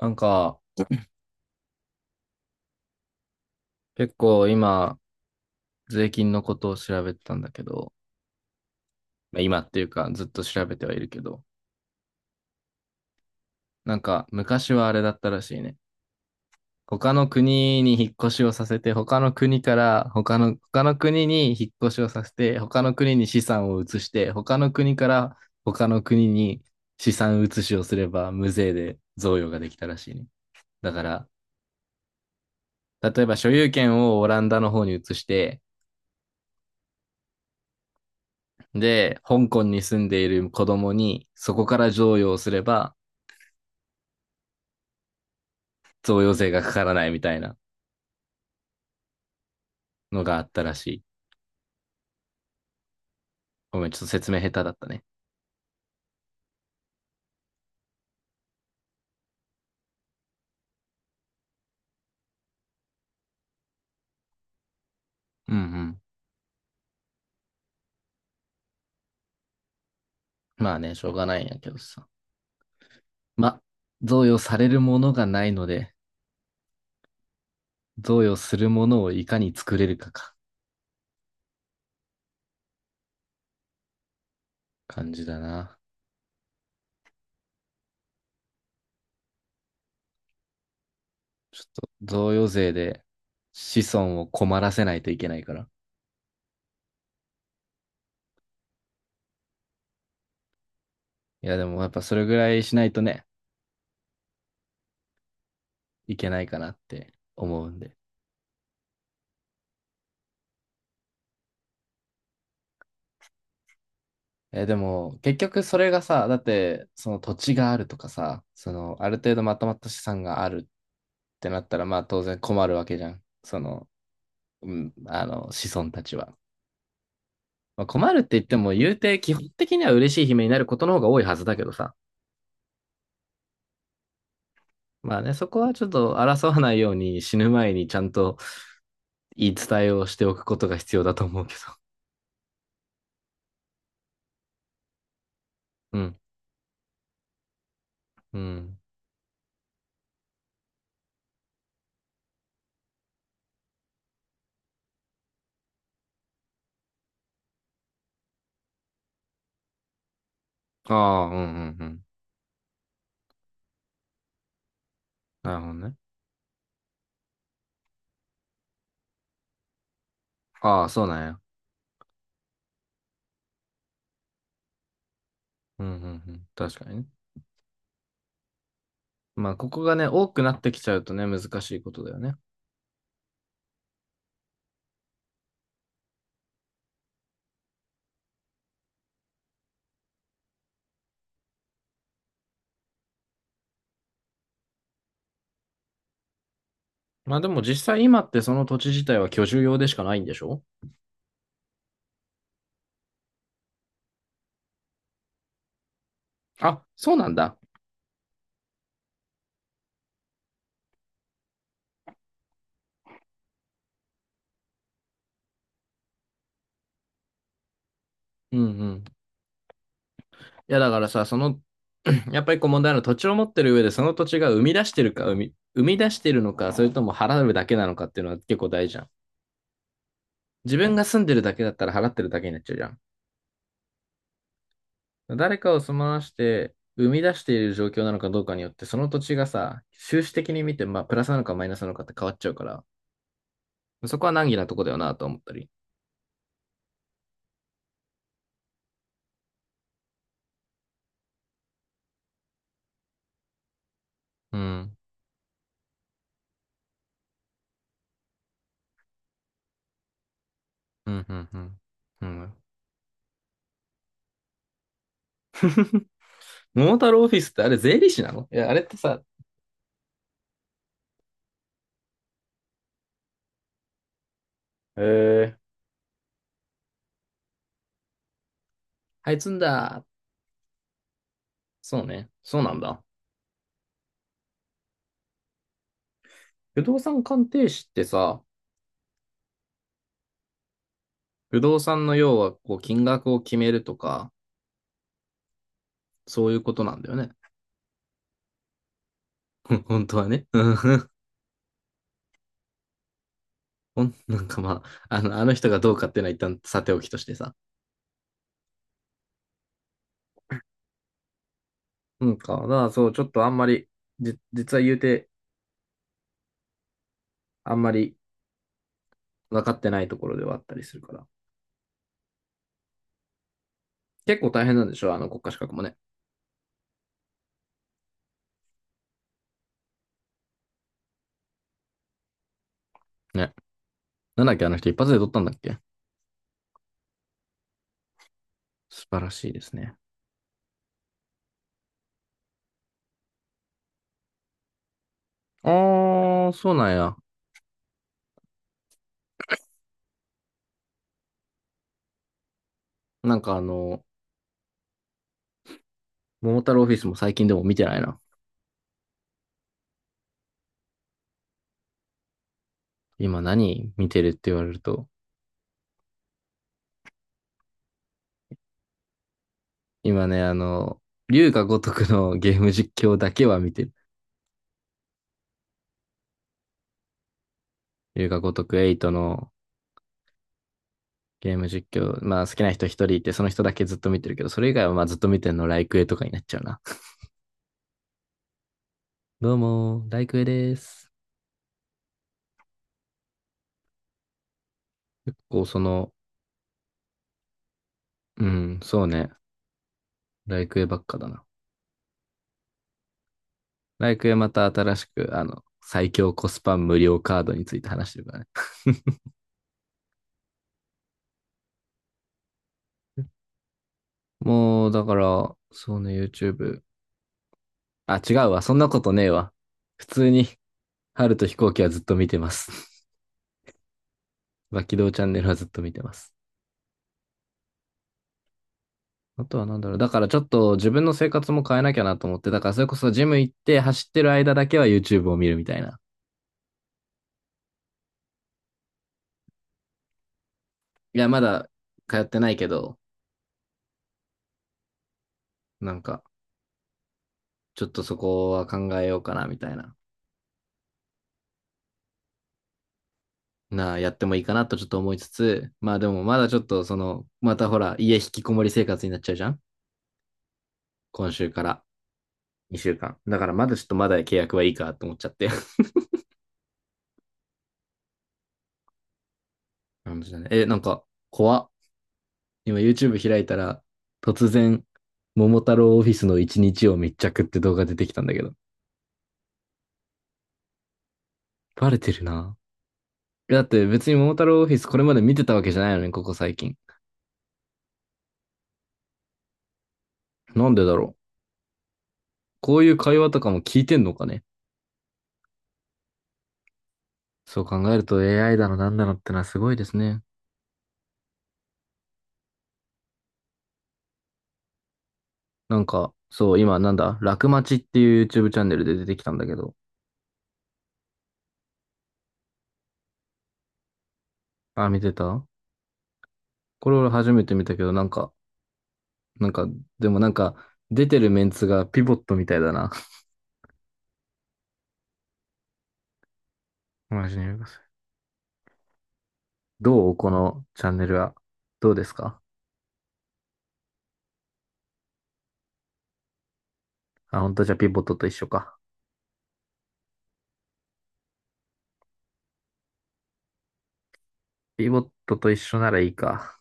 なんか、結構今、税金のことを調べてたんだけど、まあ今っていうかずっと調べてはいるけど、なんか昔はあれだったらしいね。他の国に引っ越しをさせて、他の国から他の国に引っ越しをさせて、他の国に資産を移して、他の国から他の国に資産移しをすれば無税で贈与ができたらしいね。だから、例えば所有権をオランダの方に移して、で、香港に住んでいる子供に、そこから贈与をすれば、贈与税がかからないみたいなのがあったらしい。ごめん、ちょっと説明下手だったね。うんうん。まあね、しょうがないんやけどさ。ま、贈与されるものがないので、贈与するものをいかに作れるかか、感じだな。ちょっと、贈与税で子孫を困らせないといけないから。いや、でもやっぱそれぐらいしないとね、いけないかなって思うんで。え、でも、結局それがさ、だって、その土地があるとかさ、その、ある程度まとまった資産があるってなったら、まあ当然困るわけじゃん。その、うん、子孫たちは。まあ、困るって言っても、言うて、基本的には嬉しい悲鳴になることの方が多いはずだけどさ。まあね、そこはちょっと争わないように死ぬ前にちゃんと言い伝えをしておくことが必要だと思うけど。うん。うん。ああ、うんうんうん。なるほどね。ああ、そうなんや。うんうんうん。確かにね。まあ、ここがね、多くなってきちゃうとね、難しいことだよね。まあ、でも実際今ってその土地自体は居住用でしかないんでしょ。あ、そうなんだ。うんうん。いや、だからさ、その、やっぱりこう問題なのは土地を持ってる上でその土地が生み出してるか、生み出してるのか、それとも払うだけなのかっていうのは結構大事じゃん。自分が住んでるだけだったら払ってるだけになっちゃうじゃん。誰かを住まわして、生み出している状況なのかどうかによって、その土地がさ、収支的に見て、まあ、プラスなのかマイナスなのかって変わっちゃうから、そこは難儀なとこだよなと思ったり。うん。うん、うん、うん。うん。桃太郎オフィスってあれ税理士なの？いや、あれってさ、へえー、はいつんだ。そうね。そうなんだ。不動産鑑定士ってさ、不動産の要はこう金額を決めるとか、そういうことなんだよね。本当はね。うん。ほんなんかまあ、あの人がどうかっていうのは一旦さておきとしてさ。うんか、だからそう、ちょっとあんまり、実は言うて、あんまり分かってないところではあったりするから。結構大変なんでしょ、あの国家資格もね。ね、なんだっけ、あの人一発で取ったんだっけ。素晴らしいですね。あー、そうなんや。なんかあの、桃太郎オフィスも最近でも見てないな。今何見てるって言われると。今ね、あの、龍が如くのゲーム実況だけは見てる。龍が如くトのゲーム実況。まあ好きな人一人いて、その人だけずっと見てるけど、それ以外はまあずっと見てるのライクエとかになっちゃうな。どうも、ライクエです。結構その、うん、そうね。ライクエばっかだな。ライクへまた新しく、あの、最強コスパ無料カードについて話してるからね。もう、だから、そうね、YouTube。あ、違うわ。そんなことねえわ。普通に、春と飛行機はずっと見てます。バキドーチャンネルはずっと見てます。あとはなんだろう。だからちょっと自分の生活も変えなきゃなと思って、だからそれこそジム行って走ってる間だけは YouTube を見るみたいな。いや、まだ通ってないけど、なんか、ちょっとそこは考えようかなみたいなな、やってもいいかなとちょっと思いつつ、まあでもまだちょっとその、またほら、家引きこもり生活になっちゃうじゃん、今週から2週間。だからまだちょっとまだ契約はいいかと思っちゃって。え、なんか、怖っ。今 YouTube 開いたら、突然、桃太郎オフィスの一日を密着って動画出てきたんだけど。バレてるな。だって別に桃太郎オフィスこれまで見てたわけじゃないのね、ここ最近。なんでだろう。こういう会話とかも聞いてんのかね。そう考えると AI だのなんだのってのはすごいですね。なんか、そう、今なんだ、楽町っていう YouTube チャンネルで出てきたんだけど。あ、見てた。これ俺初めて見たけど、なんか、なんか、でもなんか、出てるメンツがピボットみたいだな。マジに言ます。どうこのチャンネルは。どうですか？あ、本当じゃあピボットと一緒か。ピボットと一緒ならいいか。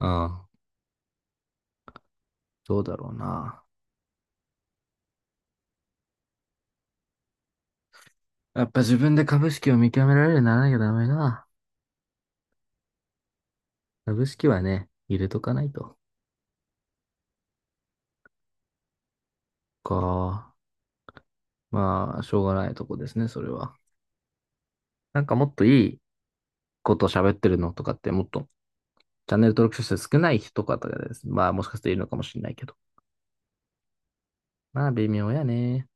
うん。どうだろうな。やっぱ自分で株式を見極められるようにならなきゃダメな。株式はね、入れとかないと。か。まあ、しょうがないとこですね、それは。なんかもっといいこと喋ってるのとかってもっとチャンネル登録者数少ない人とかとかです。まあもしかしているのかもしれないけど。まあ微妙やね。